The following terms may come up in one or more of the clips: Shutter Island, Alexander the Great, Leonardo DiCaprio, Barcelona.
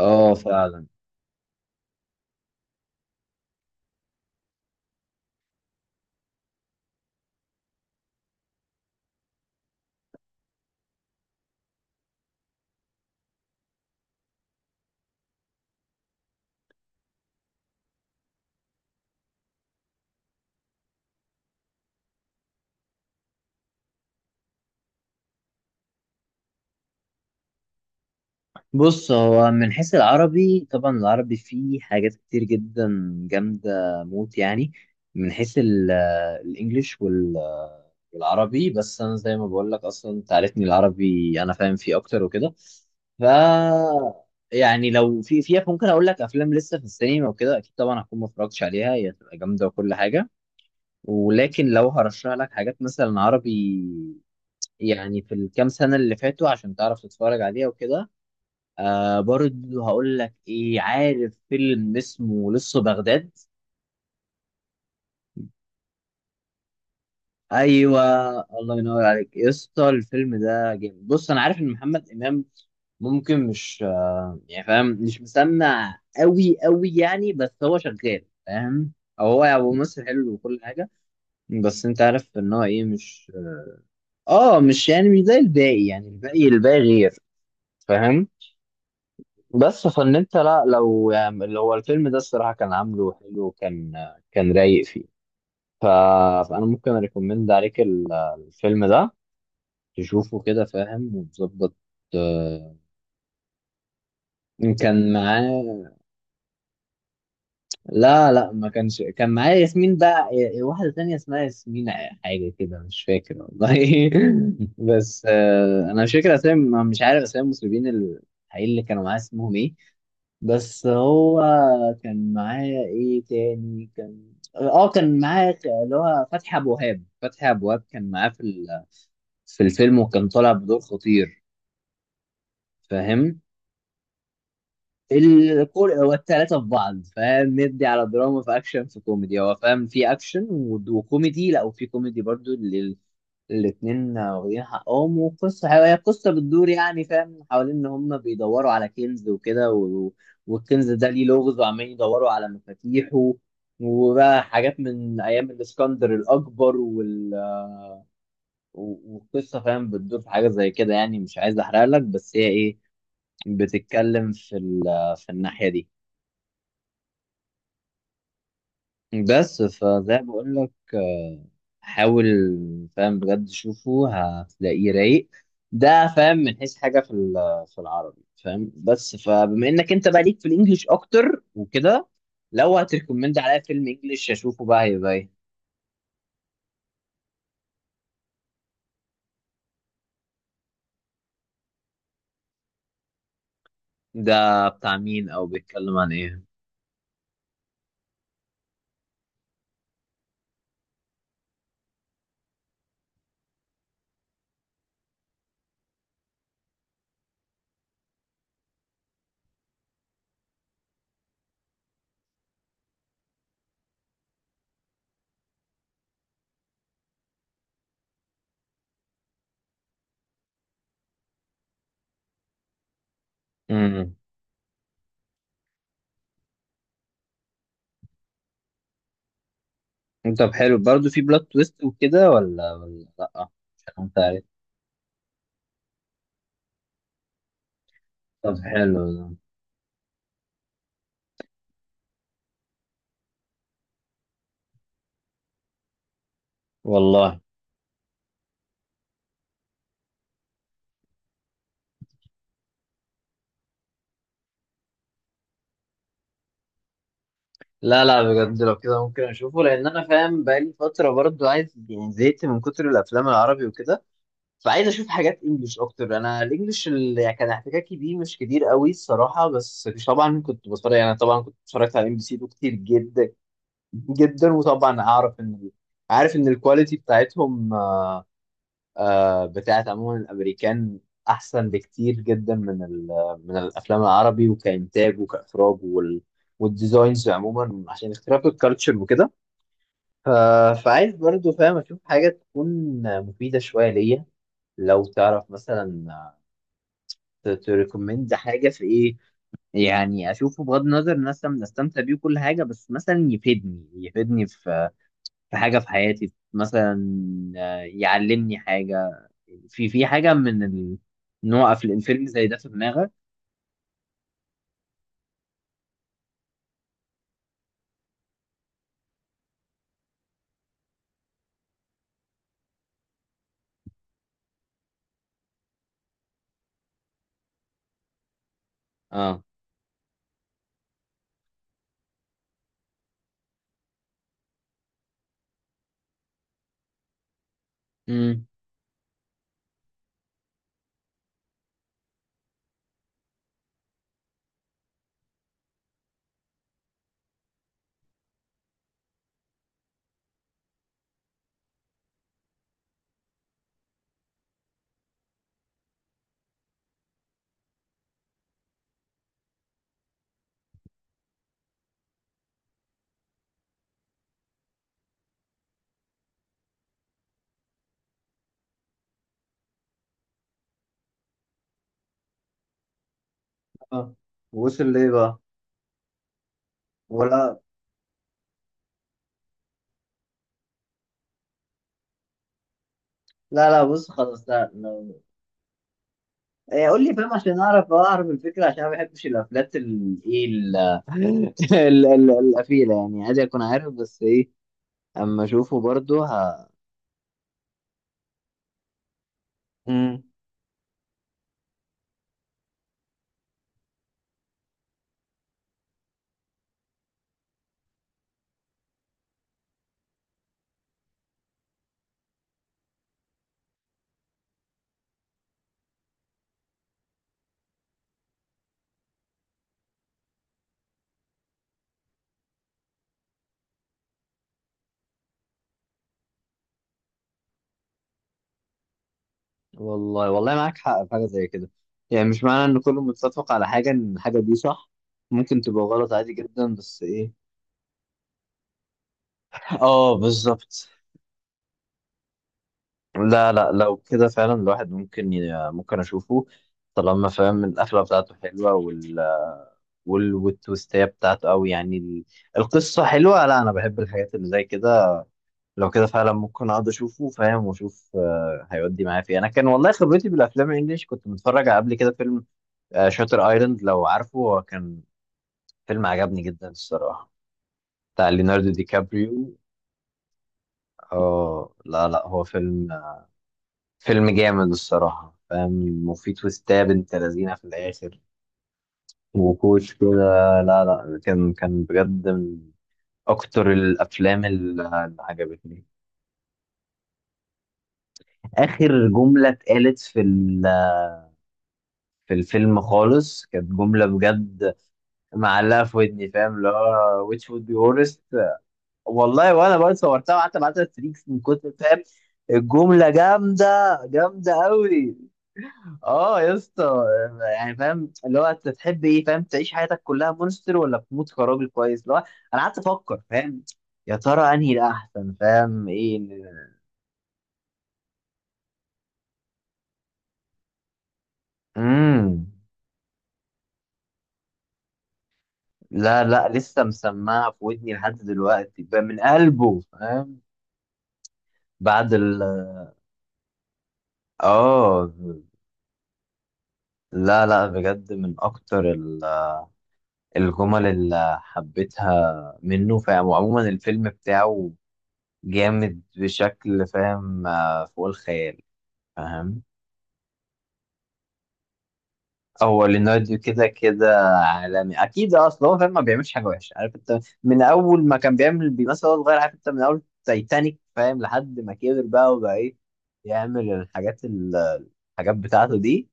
اه فعلا. بص، هو من حيث العربي، طبعا العربي فيه حاجات كتير جدا جامدة موت يعني. من حيث الانجليش والعربي، بس انا زي ما بقول لك، اصلا انت عارفني، العربي انا فاهم فيه اكتر وكده. ف يعني لو في فيها، ممكن اقول لك افلام لسه في السينما وكده، اكيد طبعا هكون ما اتفرجتش عليها، هي هتبقى جامده وكل حاجه. ولكن لو هرشح لك حاجات مثلا عربي يعني في الكام سنه اللي فاتوا، عشان تعرف تتفرج عليها وكده، برضو هقول لك ايه، عارف فيلم اسمه لسه بغداد؟ ايوه. الله ينور عليك يا اسطى، الفيلم ده جامد. بص، انا عارف ان محمد امام ممكن مش، يعني فاهم، مش مسمع قوي قوي يعني، بس هو شغال فاهم، او هو يعني ممثل حلو وكل حاجه. بس انت عارف ان هو ايه، مش، اه مش يعني مش زي الباقي. يعني الباقي غير فاهم. بس فان انت، لا لو يعني، اللي هو الفيلم ده الصراحه كان عامله حلو، كان رايق فيه. ف... فانا ممكن اريكومند عليك الفيلم ده، تشوفه كده فاهم وتظبط. آه، كان معاه، لا لا ما كانش كان معاه ياسمين، بقى واحدة تانية اسمها ياسمين حاجة كده، مش فاكر والله بس انا مش فاكر اسامي، مش عارف اسامي المسلمين الحقيقيين اللي كانوا معاه اسمهم ايه. بس هو كان معاه ايه تاني؟ كان، اه كان معاه اللي هو فتحي ابو وهاب. فتحي ابو وهاب كان معاه في في الفيلم، وكان طالع بدور خطير فاهم. الكل، هو التلاتة في بعض فاهم. ندي على دراما، في أكشن، في كوميدي. هو فاهم، في أكشن وكوميدي، لا وفي كوميدي برضو. الاتنين واخدين حقهم. وقصة هي قصة بتدور، يعني فاهم، حوالين إن هما بيدوروا على كنز وكده، والكنز ده ليه لغز، وعمالين يدوروا على مفاتيحه وبقى حاجات من أيام الإسكندر الأكبر والقصة فاهم بتدور في حاجة زي كده. يعني مش عايز أحرق لك، بس هي إيه، بتتكلم في في الناحية دي. بس فزي ما بقول لك حاول فاهم بجد شوفه، هتلاقيه رايق. ده فاهم من حيث حاجة في في العربي فاهم. بس فبما انك انت بقى ليك في الانجليش اكتر وكده، لو هتريكومند عليا فيلم انجليش اشوفه بقى، هيبقى ايه؟ ده بتاع مين؟ او بيتكلم عن ايه؟ امم طب حلو، برضه في بلوت تويست وكده ولا لا؟ مش عارف، انت عارف. طب حلو ده. والله، لا لا بجد لو كده ممكن اشوفه، لان انا فاهم بقالي فتره برضو عايز يعني، زهقت من كتر الافلام العربي وكده، فعايز اشوف حاجات انجليش اكتر. انا الانجليش اللي كان احتكاكي بيه مش كتير قوي الصراحه، بس مش، طبعا كنت بتفرج يعني، طبعا كنت اتفرجت على MBC كتير جدا جدا. وطبعا اعرف ان عارف ان الكواليتي بتاعتهم بتاعت عموما الامريكان احسن بكتير جدا من من الافلام العربي، وكانتاج وكاخراج والديزاينز عموما، عشان اختلاف الكالتشر وكده. ف... فعايز برضو فاهم اشوف حاجه تكون مفيده شويه ليا. لو تعرف مثلا تريكومند حاجه في ايه، يعني اشوفه بغض النظر ان انا استمتع بيه وكل حاجه، بس مثلا يفيدني، يفيدني في في حاجه في حياتي مثلا. يعلمني حاجه في حاجة ان هو قفل الفيلم زي ده في دماغك. اه. امم اه، وصل ليه بقى؟ ولا، لا لا بص خلاص، لا لو، إيه قول لي فاهم عشان اعرف، الفكره، عشان أنا ما بحبش الافلات، ال ايه، ال القفيله، يعني عادي اكون عارف، بس ايه، اما اشوفه برضه. مم. والله والله معاك حق في حاجه زي كده. يعني مش معنى ان كله متفق على حاجه، ان الحاجه دي صح. ممكن تبقى غلط عادي جدا، بس ايه، اه بالظبط. لا لا لو كده فعلا الواحد ممكن اشوفه، طالما فاهم القفله بتاعته حلوه والتويستيه بتاعته، او يعني القصه حلوه. لا انا بحب الحاجات اللي زي كده، لو كده فعلا ممكن اقعد اشوفه فاهم، واشوف هيودي معايا فيه. انا كان والله خبرتي بالافلام الانجليش، كنت متفرج على قبل كده فيلم شاتر ايلاند، لو عارفه. هو كان فيلم عجبني جدا الصراحه، بتاع ليوناردو دي كابريو. اه لا لا هو فيلم، جامد الصراحة فاهم، وفي تويستات بنت لذينة في الآخر وكوش كده. لا لا كان بجد من أكتر الأفلام اللي عجبتني. آخر جملة اتقالت في في الفيلم خالص، كانت جملة بجد معلقة في ودني فاهم، اللي هو which would be worst. والله وأنا برضه صورتها وقعدت أبعتها ستريكس من كتر فاهم، الجملة جامدة، جامدة أوي. اه يا اسطى، يعني فاهم اللي هو، انت تحب ايه فاهم، تعيش حياتك كلها مونستر ولا تموت كراجل كويس، اللي هو، انا قعدت افكر فاهم، يا ترى انهي الاحسن، فاهم ايه امم لا لا لسه مسمعها في ودني لحد دلوقتي، من قلبه فاهم، بعد ال اه لا لا بجد من اكتر الجمل اللي حبيتها منه فاهم. وعموما الفيلم بتاعه جامد بشكل فاهم، فوق الخيال فاهم. هو ليوناردو كده كده عالمي، اكيد اصلا هو فاهم ما بيعملش حاجه وحشه، عارف انت. من اول ما كان بيمثل وهو صغير، عارف انت، من اول تايتانيك فاهم، لحد ما كبر بقى وبقى ايه، يعمل الحاجات الحاجات بتاعته دي،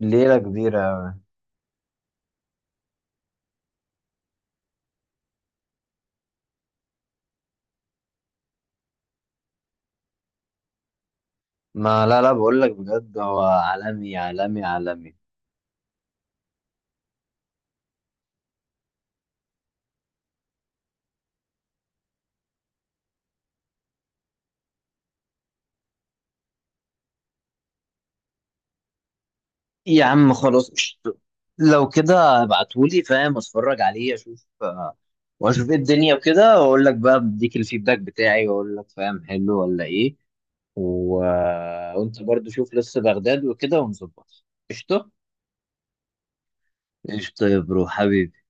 ليله كبيره. ما لا لا بقول لك بجد هو عالمي عالمي عالمي. يا عم خلاص قشطة. لو كده ابعتهولي فاهم، اتفرج عليه اشوف واشوف ايه الدنيا وكده، واقول لك بقى بديك الفيدباك بتاعي، واقول لك فاهم حلو ولا ايه، و... وانت برضو شوف لسه بغداد وكده ونظبط. قشطه. ايش طيب برو حبيبي.